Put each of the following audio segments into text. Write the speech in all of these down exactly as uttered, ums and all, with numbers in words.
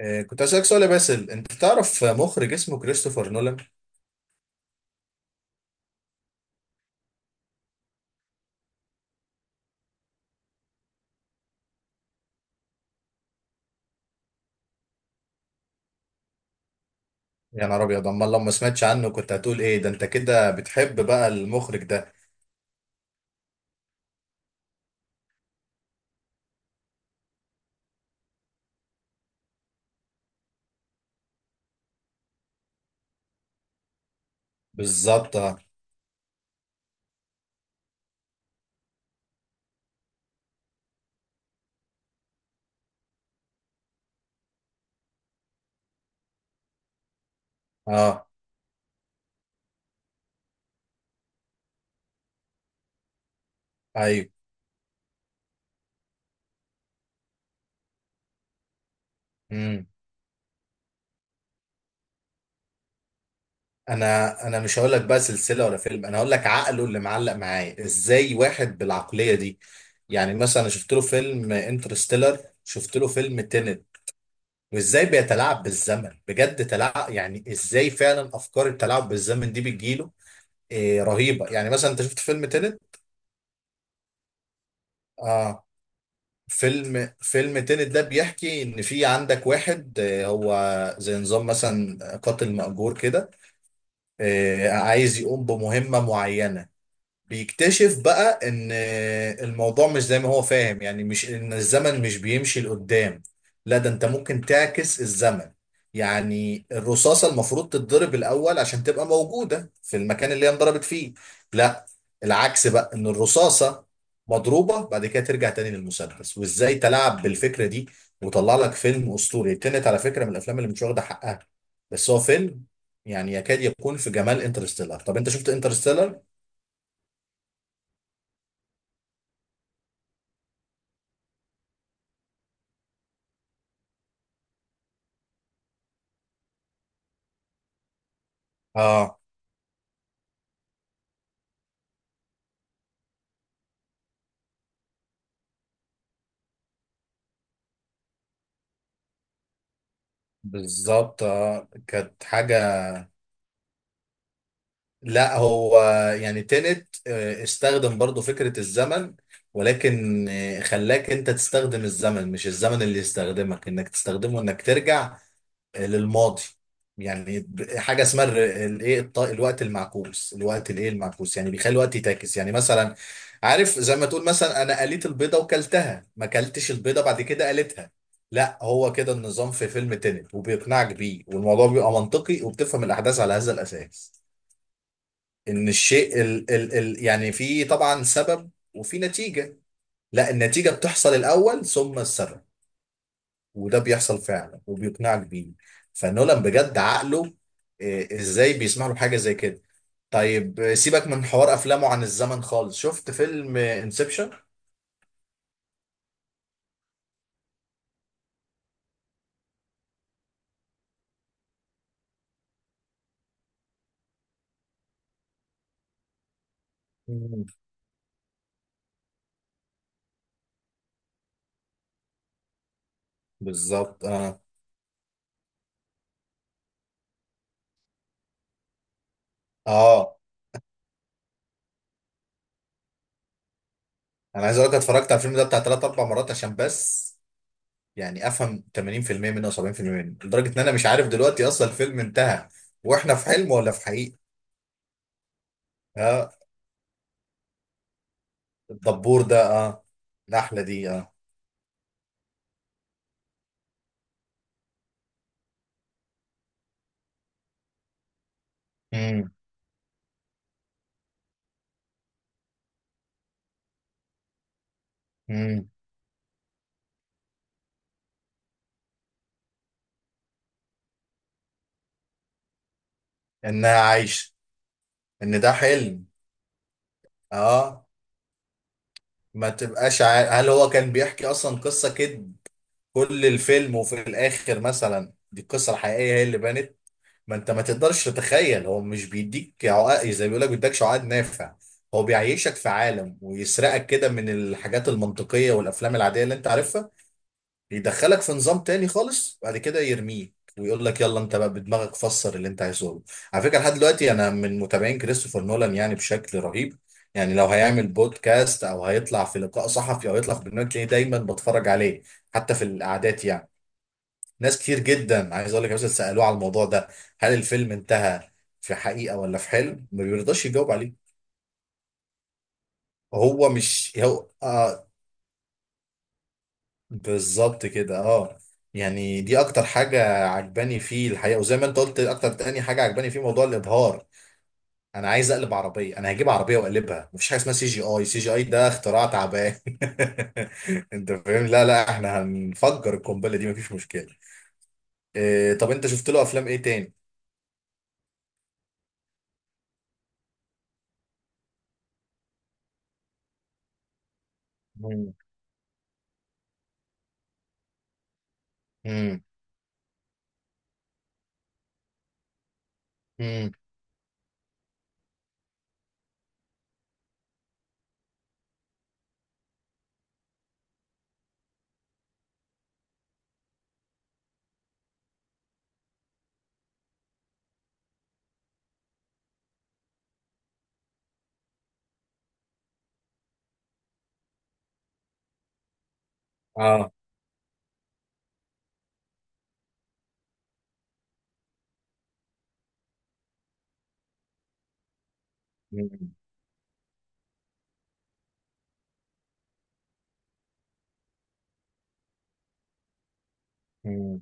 آه، كنت أسألك سؤال يا باسل، أنت تعرف مخرج اسمه كريستوفر نولان؟ يا نهار أبيض، أمال لو ما سمعتش عنه كنت هتقول إيه؟ ده أنت كده بتحب بقى المخرج ده. بالظبط، أه. آه، أيوه. مم. أنا أنا مش هقول لك بقى سلسلة ولا فيلم، أنا هقول لك عقله اللي معلق معايا. إزاي واحد بالعقلية دي؟ يعني مثلا أنا شفت له فيلم انترستيلر، شفت له فيلم تينت. وإزاي بيتلاعب بالزمن، بجد تلاعب. يعني إزاي فعلا أفكار التلاعب بالزمن دي بتجيله؟ إيه رهيبة. يعني مثلا أنت شفت فيلم تينت؟ اه. فيلم فيلم تينت ده بيحكي ان في عندك واحد، آه، هو زي نظام مثلا قاتل مأجور كده. آه، عايز يقوم بمهمة معينة. بيكتشف بقى ان الموضوع مش زي ما هو فاهم. يعني مش ان الزمن مش بيمشي لقدام، لا، ده انت ممكن تعكس الزمن. يعني الرصاصة المفروض تتضرب الأول عشان تبقى موجودة في المكان اللي هي انضربت فيه. لا، العكس بقى، ان الرصاصة مضروبة بعد كده ترجع تاني للمسدس. وازاي تلعب بالفكرة دي وطلع لك فيلم أسطوري. تنت على فكرة من الأفلام اللي مش واخدة حقها. بس هو فيلم يعني يكاد يكون في جمال انترستيلر. طب انت شفت انترستيلر؟ اه، بالظبط. آه. كانت حاجة. لا، هو يعني تنت آه، استخدم برضو فكرة الزمن، ولكن آه، خلاك انت تستخدم الزمن، مش الزمن اللي يستخدمك، انك تستخدمه انك ترجع للماضي. يعني ب- حاجه اسمها الايه، الوقت المعكوس، الوقت الايه، المعكوس، يعني بيخلي الوقت يتاكس. يعني مثلا عارف زي ما تقول مثلا انا قليت البيضه وكلتها، ما كلتش البيضه بعد كده قليتها، لا هو كده النظام في فيلم تينت. وبيقنعك بيه والموضوع بيبقى منطقي، وبتفهم الاحداث على هذا الاساس. ان الشيء ال ال ال يعني في طبعا سبب وفي نتيجه، لا النتيجه بتحصل الاول ثم السبب. وده بيحصل فعلا وبيقنعك بيه. فنولان بجد عقله آه، ازاي بيسمح له حاجه زي كده. طيب آه، سيبك من حوار افلامه عن الزمن خالص، شفت فيلم انسبشن؟ بالظبط، اه. اه، انا عايز اقول لك اتفرجت على الفيلم ده بتاع ثلاث اربع مرات عشان بس يعني افهم ثمانين في المئة منه او سبعين في المئة منه. لدرجه ان انا مش عارف دلوقتي اصلا الفيلم انتهى واحنا في حلم ولا في حقيقه. اه، الدبور ده، اه. النحله دي، اه. امم، انها عايشه، ان ده حلم، اه. ما تبقاش عارف هل هو كان بيحكي اصلا قصه كده كل الفيلم، وفي الاخر مثلا دي القصه الحقيقيه هي اللي بانت. ما انت ما تقدرش تتخيل، هو مش بيديك عقد، زي ما بيقول لك، بيديكش عقد نافع. هو بيعيشك في عالم ويسرقك كده من الحاجات المنطقيه والافلام العاديه اللي انت عارفها، يدخلك في نظام تاني خالص، بعد كده يرميك ويقول لك يلا انت بقى بدماغك فسر اللي انت عايزه. على فكره لحد دلوقتي انا من متابعين كريستوفر نولان يعني بشكل رهيب. يعني لو هيعمل بودكاست او هيطلع في لقاء صحفي او يطلع في برنامج تلاقيني دايما بتفرج عليه، حتى في القعدات يعني. ناس كتير جدا عايز اقول لك مثلا سالوه على الموضوع ده، هل الفيلم انتهى في حقيقه ولا في حلم؟ ما بيرضاش يجاوب عليه. هو مش هو آه، بالظبط كده، اه. يعني دي اكتر حاجة عجباني فيه الحقيقة. وزي ما انت قلت اكتر تاني حاجة عجباني فيه موضوع الابهار. انا عايز اقلب عربية، انا هجيب عربية واقلبها، مفيش حاجة اسمها سي جي اي، سي جي اي ده اختراع تعبان. انت فاهم؟ لا لا، احنا هنفجر القنبلة دي مفيش مشكلة. إيه، طب انت شفت له افلام ايه تاني؟ مم. مم. مم. اه. مم. مم.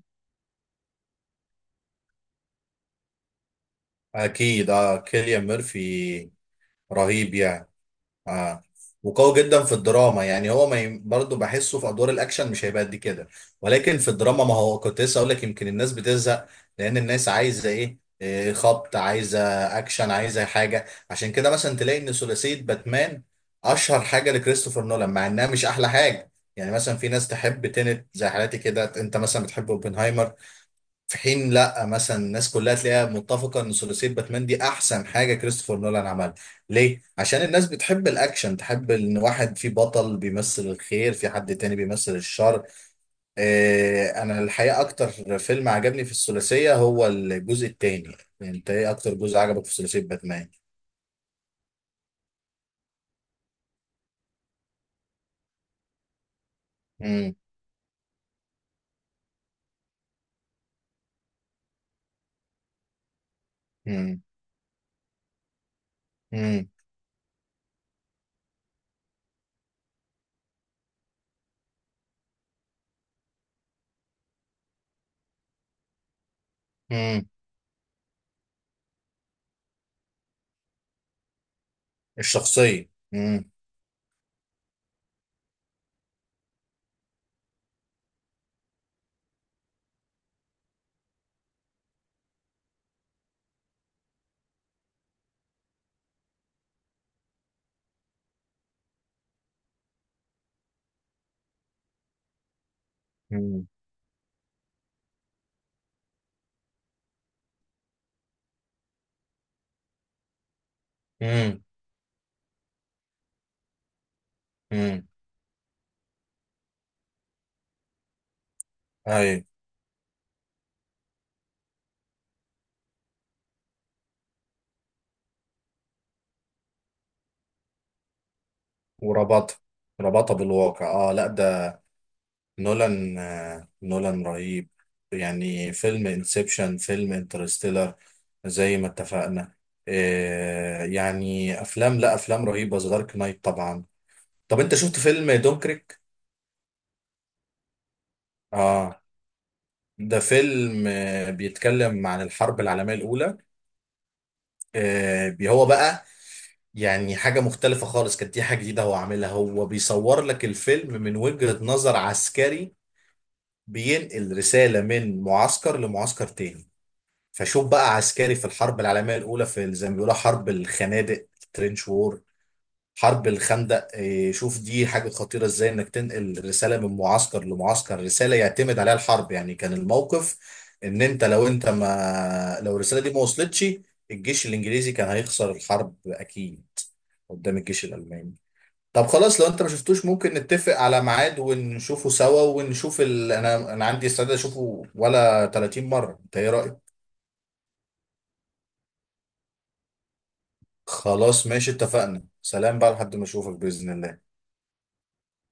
اكيد، اه، كيليان ميرفي رهيب يعني. آه. وقوي جدا في الدراما. يعني هو ما ي... برضه بحسه في ادوار الاكشن مش هيبقى قد كده، ولكن في الدراما ما هو كنت لسه اقول لك يمكن الناس بتزهق، لان الناس عايزه ايه، إيه، خبط، عايزه اكشن، عايزه حاجه. عشان كده مثلا تلاقي ان ثلاثيه باتمان اشهر حاجه لكريستوفر نولان، مع انها مش احلى حاجه. يعني مثلا في ناس تحب تينت زي حالاتي كده، انت مثلا بتحب اوبنهايمر، في حين لا مثلا الناس كلها تلاقيها متفقه ان ثلاثيه باتمان دي احسن حاجه كريستوفر نولان عملها. ليه؟ عشان الناس بتحب الاكشن، تحب ان واحد في بطل بيمثل الخير، في حد تاني بيمثل الشر. آه انا الحقيقه اكتر فيلم عجبني في الثلاثيه هو الجزء التاني. انت ايه اكتر جزء عجبك في ثلاثيه باتمان؟ امم. امم. امم. امم. الشخصيه، امم. امم. امم. امم. ايوه. وربطها، ربطها بالواقع، اه. لا ده نولان، آه، نولان رهيب يعني. فيلم انسبشن، فيلم انترستيلر، زي ما اتفقنا، آه، يعني افلام، لا افلام رهيبه. ذا دارك نايت طبعا. طب انت شفت فيلم دونكريك؟ اه، ده فيلم آه، بيتكلم عن الحرب العالميه الاولى. آه، بي- هو بقى يعني حاجه مختلفه خالص، كانت دي حاجه جديده هو عاملها. هو بيصور لك الفيلم من وجهه نظر عسكري بينقل رساله من معسكر لمعسكر تاني. فشوف بقى عسكري في الحرب العالمية الأولى في زي ما بيقولوا حرب الخنادق، ترينش وور، حرب الخندق، إيه، شوف دي حاجة خطيرة ازاي، انك تنقل رسالة من معسكر لمعسكر، رسالة يعتمد عليها الحرب. يعني كان الموقف ان انت لو انت ما لو الرسالة دي ما وصلتش الجيش الانجليزي كان هيخسر الحرب اكيد قدام الجيش الالماني. طب خلاص لو انت ما شفتوش ممكن نتفق على ميعاد ونشوفه سوا، ونشوف ال... انا انا عندي استعداد اشوفه ولا تلاتين مرة، انت ايه رأيك؟ خلاص ماشي، اتفقنا. سلام بقى لحد ما اشوفك بإذن الله.